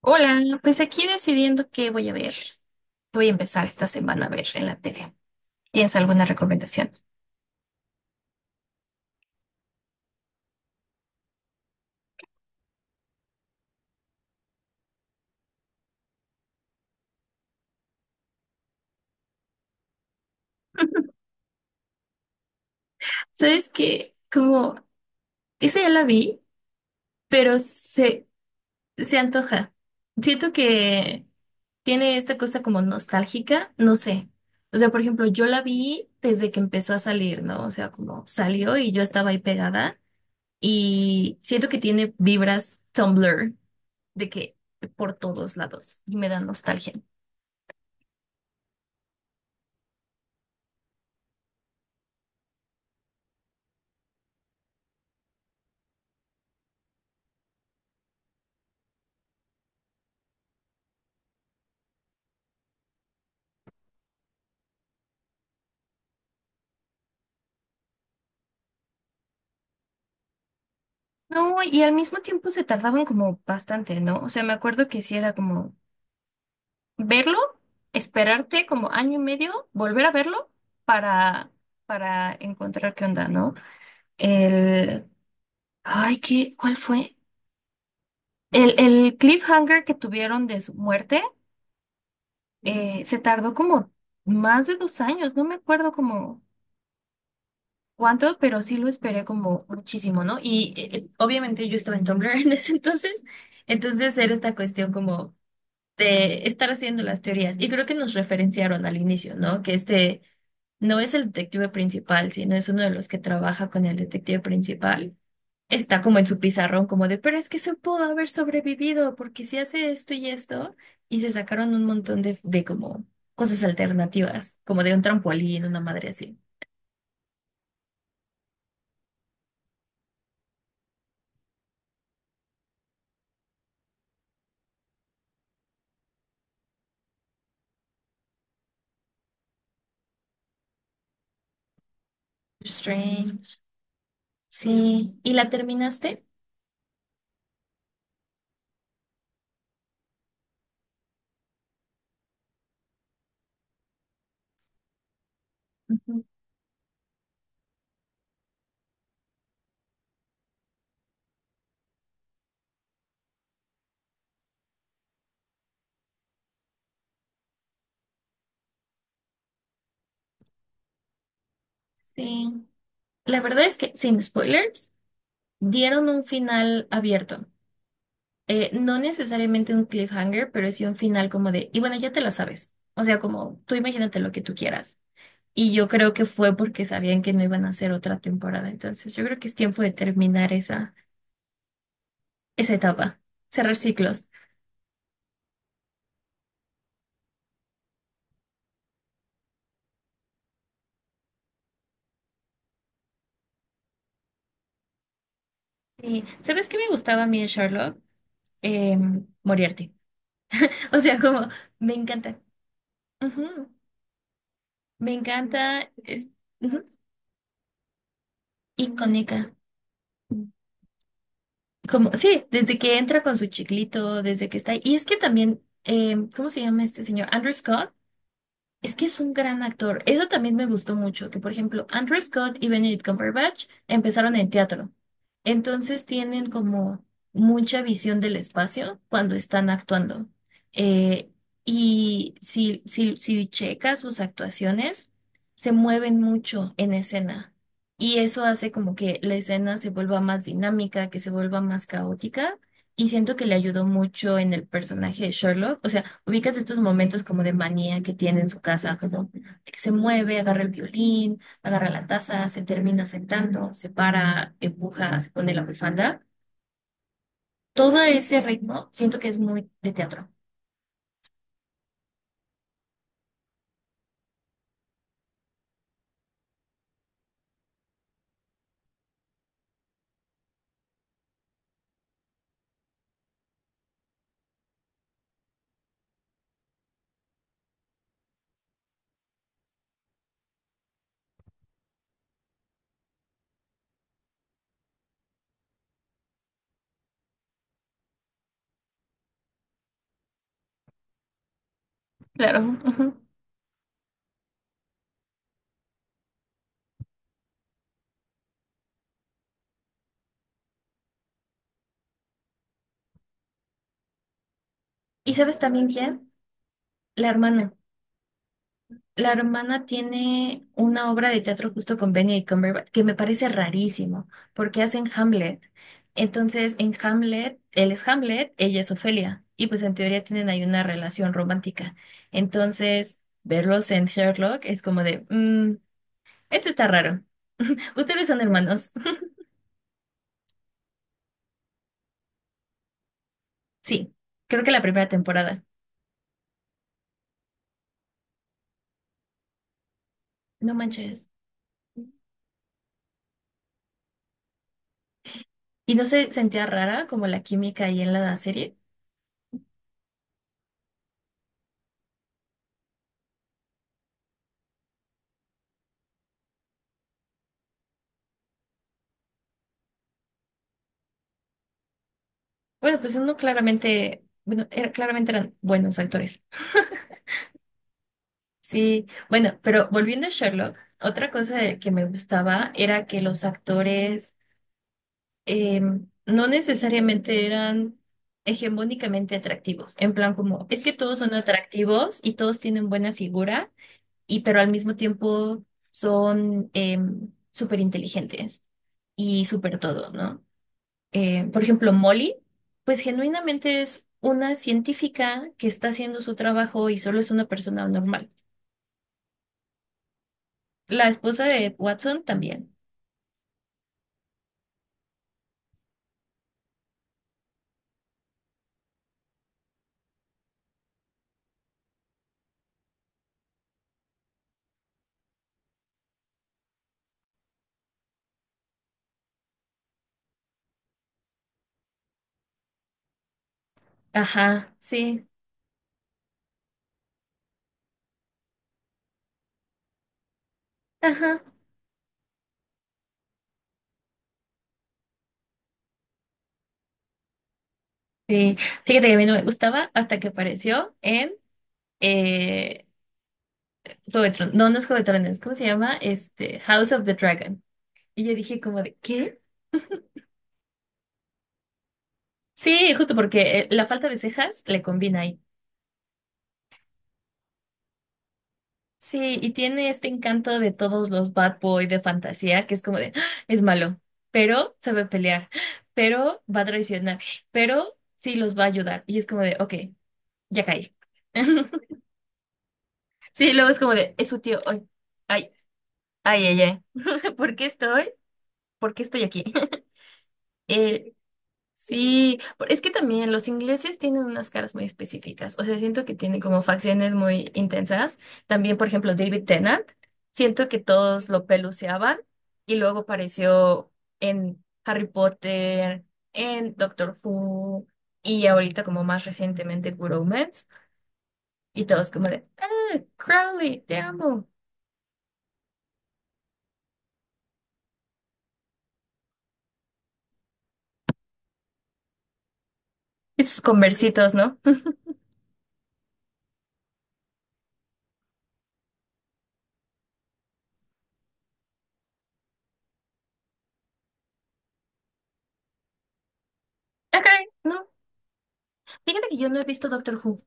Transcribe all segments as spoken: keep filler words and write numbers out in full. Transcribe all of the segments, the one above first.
Hola, pues aquí decidiendo qué voy a ver, qué voy a empezar esta semana a ver en la tele. ¿Tienes alguna recomendación? ¿Sabes que Como esa ya la vi, pero se, se antoja. Siento que tiene esta cosa como nostálgica, no sé. O sea, por ejemplo, yo la vi desde que empezó a salir, ¿no? O sea, como salió y yo estaba ahí pegada y siento que tiene vibras Tumblr de que por todos lados y me da nostalgia. No, y al mismo tiempo se tardaban como bastante, ¿no? O sea, me acuerdo que sí era como verlo, esperarte como año y medio, volver a verlo para, para encontrar qué onda, ¿no? El, ay, ¿qué? ¿Cuál fue? El, el cliffhanger que tuvieron de su muerte, eh, se tardó como más de dos años, no me acuerdo como cuánto, pero sí lo esperé como muchísimo, ¿no? Y eh, eh, obviamente yo estaba en Tumblr en ese entonces, entonces era esta cuestión como de estar haciendo las teorías. Y creo que nos referenciaron al inicio, ¿no? Que este no es el detective principal, sino es uno de los que trabaja con el detective principal. Está como en su pizarrón, como de, pero es que se pudo haber sobrevivido, porque si hace esto y esto, y se sacaron un montón de, de como cosas alternativas, como de un trampolín, una madre así. Strange. Sí, ¿y la terminaste? Ujú, sí. La verdad es que, sin spoilers, dieron un final abierto. Eh, no necesariamente un cliffhanger, pero sí un final como de, y bueno, ya te la sabes. O sea, como tú imagínate lo que tú quieras. Y yo creo que fue porque sabían que no iban a hacer otra temporada. Entonces, yo creo que es tiempo de terminar esa, esa etapa, cerrar ciclos. Sí. ¿Sabes qué me gustaba a mí de Sherlock? Em, Moriarty. O sea, como me encanta. Ujú. Me encanta. Es ujú, icónica. Como, sí, desde que entra con su chiclito, desde que está ahí. Y es que también, em, ¿cómo se llama este señor? Andrew Scott. Es que es un gran actor. Eso también me gustó mucho, que por ejemplo, Andrew Scott y Benedict Cumberbatch empezaron en teatro. Entonces tienen como mucha visión del espacio cuando están actuando. Eh, y si, si, si checas sus actuaciones, se mueven mucho en escena. Y eso hace como que la escena se vuelva más dinámica, que se vuelva más caótica. Y siento que le ayudó mucho en el personaje de Sherlock. O sea, ubicas estos momentos como de manía que tiene en su casa, como que se mueve, agarra el violín, agarra la taza, se termina sentando, se para, empuja, se pone la bufanda. Todo ese ritmo siento que es muy de teatro. Claro. Ujú. ¿Y sabes también quién? La hermana. La hermana tiene una obra de teatro justo con Benedict Cumberbatch que me parece rarísimo, porque hacen Hamlet. Entonces, en Hamlet, él es Hamlet, ella es Ofelia, y pues en teoría tienen ahí una relación romántica. Entonces, verlos en Sherlock es como de, "Mm, esto está raro. Ustedes son hermanos." Sí, creo que la primera temporada. No manches. ¿Y no se sentía rara como la química ahí en la serie? Bueno, pues uno claramente, bueno, era- claramente eran buenos actores. Sí, bueno, pero volviendo a Sherlock, otra cosa de- que me gustaba era que los actores em, no necesariamente eran hegemónicamente atractivos, en plan como, es que todos son atractivos y todos tienen buena figura, y pero al mismo tiempo son súper inteligentes y súper todo, ¿no? Eh, por ejemplo, Molly, pues genuinamente es una científica que está haciendo su trabajo y solo es una persona normal. La esposa de Watson también. Ajá, sí, ajá, sí. Fíjate que a mí no me gustaba hasta que apareció en eh, Juego de Tron- No, no es Juego de Tronos, ¿cómo se llama? Este, House of the Dragon. Y yo dije como de, ¿qué? Sí, justo porque eh, la falta de cejas le combina. Sí, y tiene este encanto de todos los bad boy de fantasía, que es como de, "Ah, es malo, pero sabe pelear, pero va a traicionar, pero sí los va a ayudar." Y es como de, ok, ya caí. Sí, luego es como de, es su tío, ay, ay, ay, ay, ay. ¿Por qué estoy? ¿Por qué estoy aquí? Eh, sí, por- es que también los ingleses tienen unas caras muy específicas, o sea, siento que tienen como facciones muy intensas. También, por ejemplo, David Tennant, siento que todos lo peluceaban y luego apareció en Harry Potter, en Doctor Who y ahorita como más recientemente Good Omens y todos como de, "Ah, Crowley, te amo." Esos conversitos, ¿no? Ok, no. Fíjate que yo no he visto Doctor Who.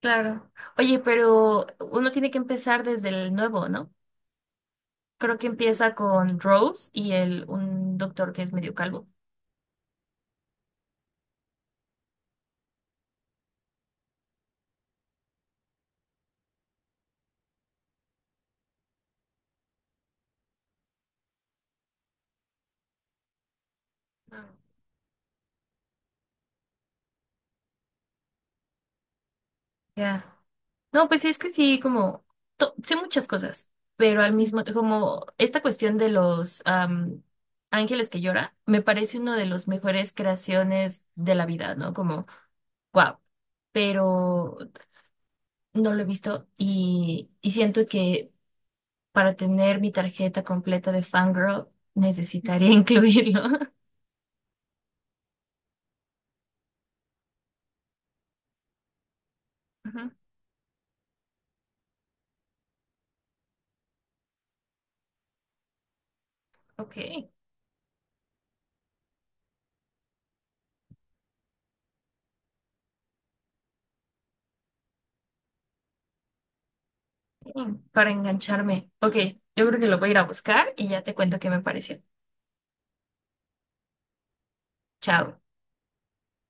Claro. Oye, pero uno tiene que empezar desde el nuevo, ¿no? Creo que empieza con Rose y el un doctor que es medio calvo. Ya. No, pues sí, es que sí, como to- sé muchas cosas, pero al mismo como esta cuestión de los am, ángeles que llora, me parece uno de los mejores creaciones de la vida, ¿no? Como, wow. Pero no lo he visto y, y siento que para tener mi tarjeta completa de fangirl, necesitaría incluirlo. Ujú. Ok, mm, para engancharme. Ok, yo creo que lo voy a ir a buscar y ya te cuento qué me pareció. Chao.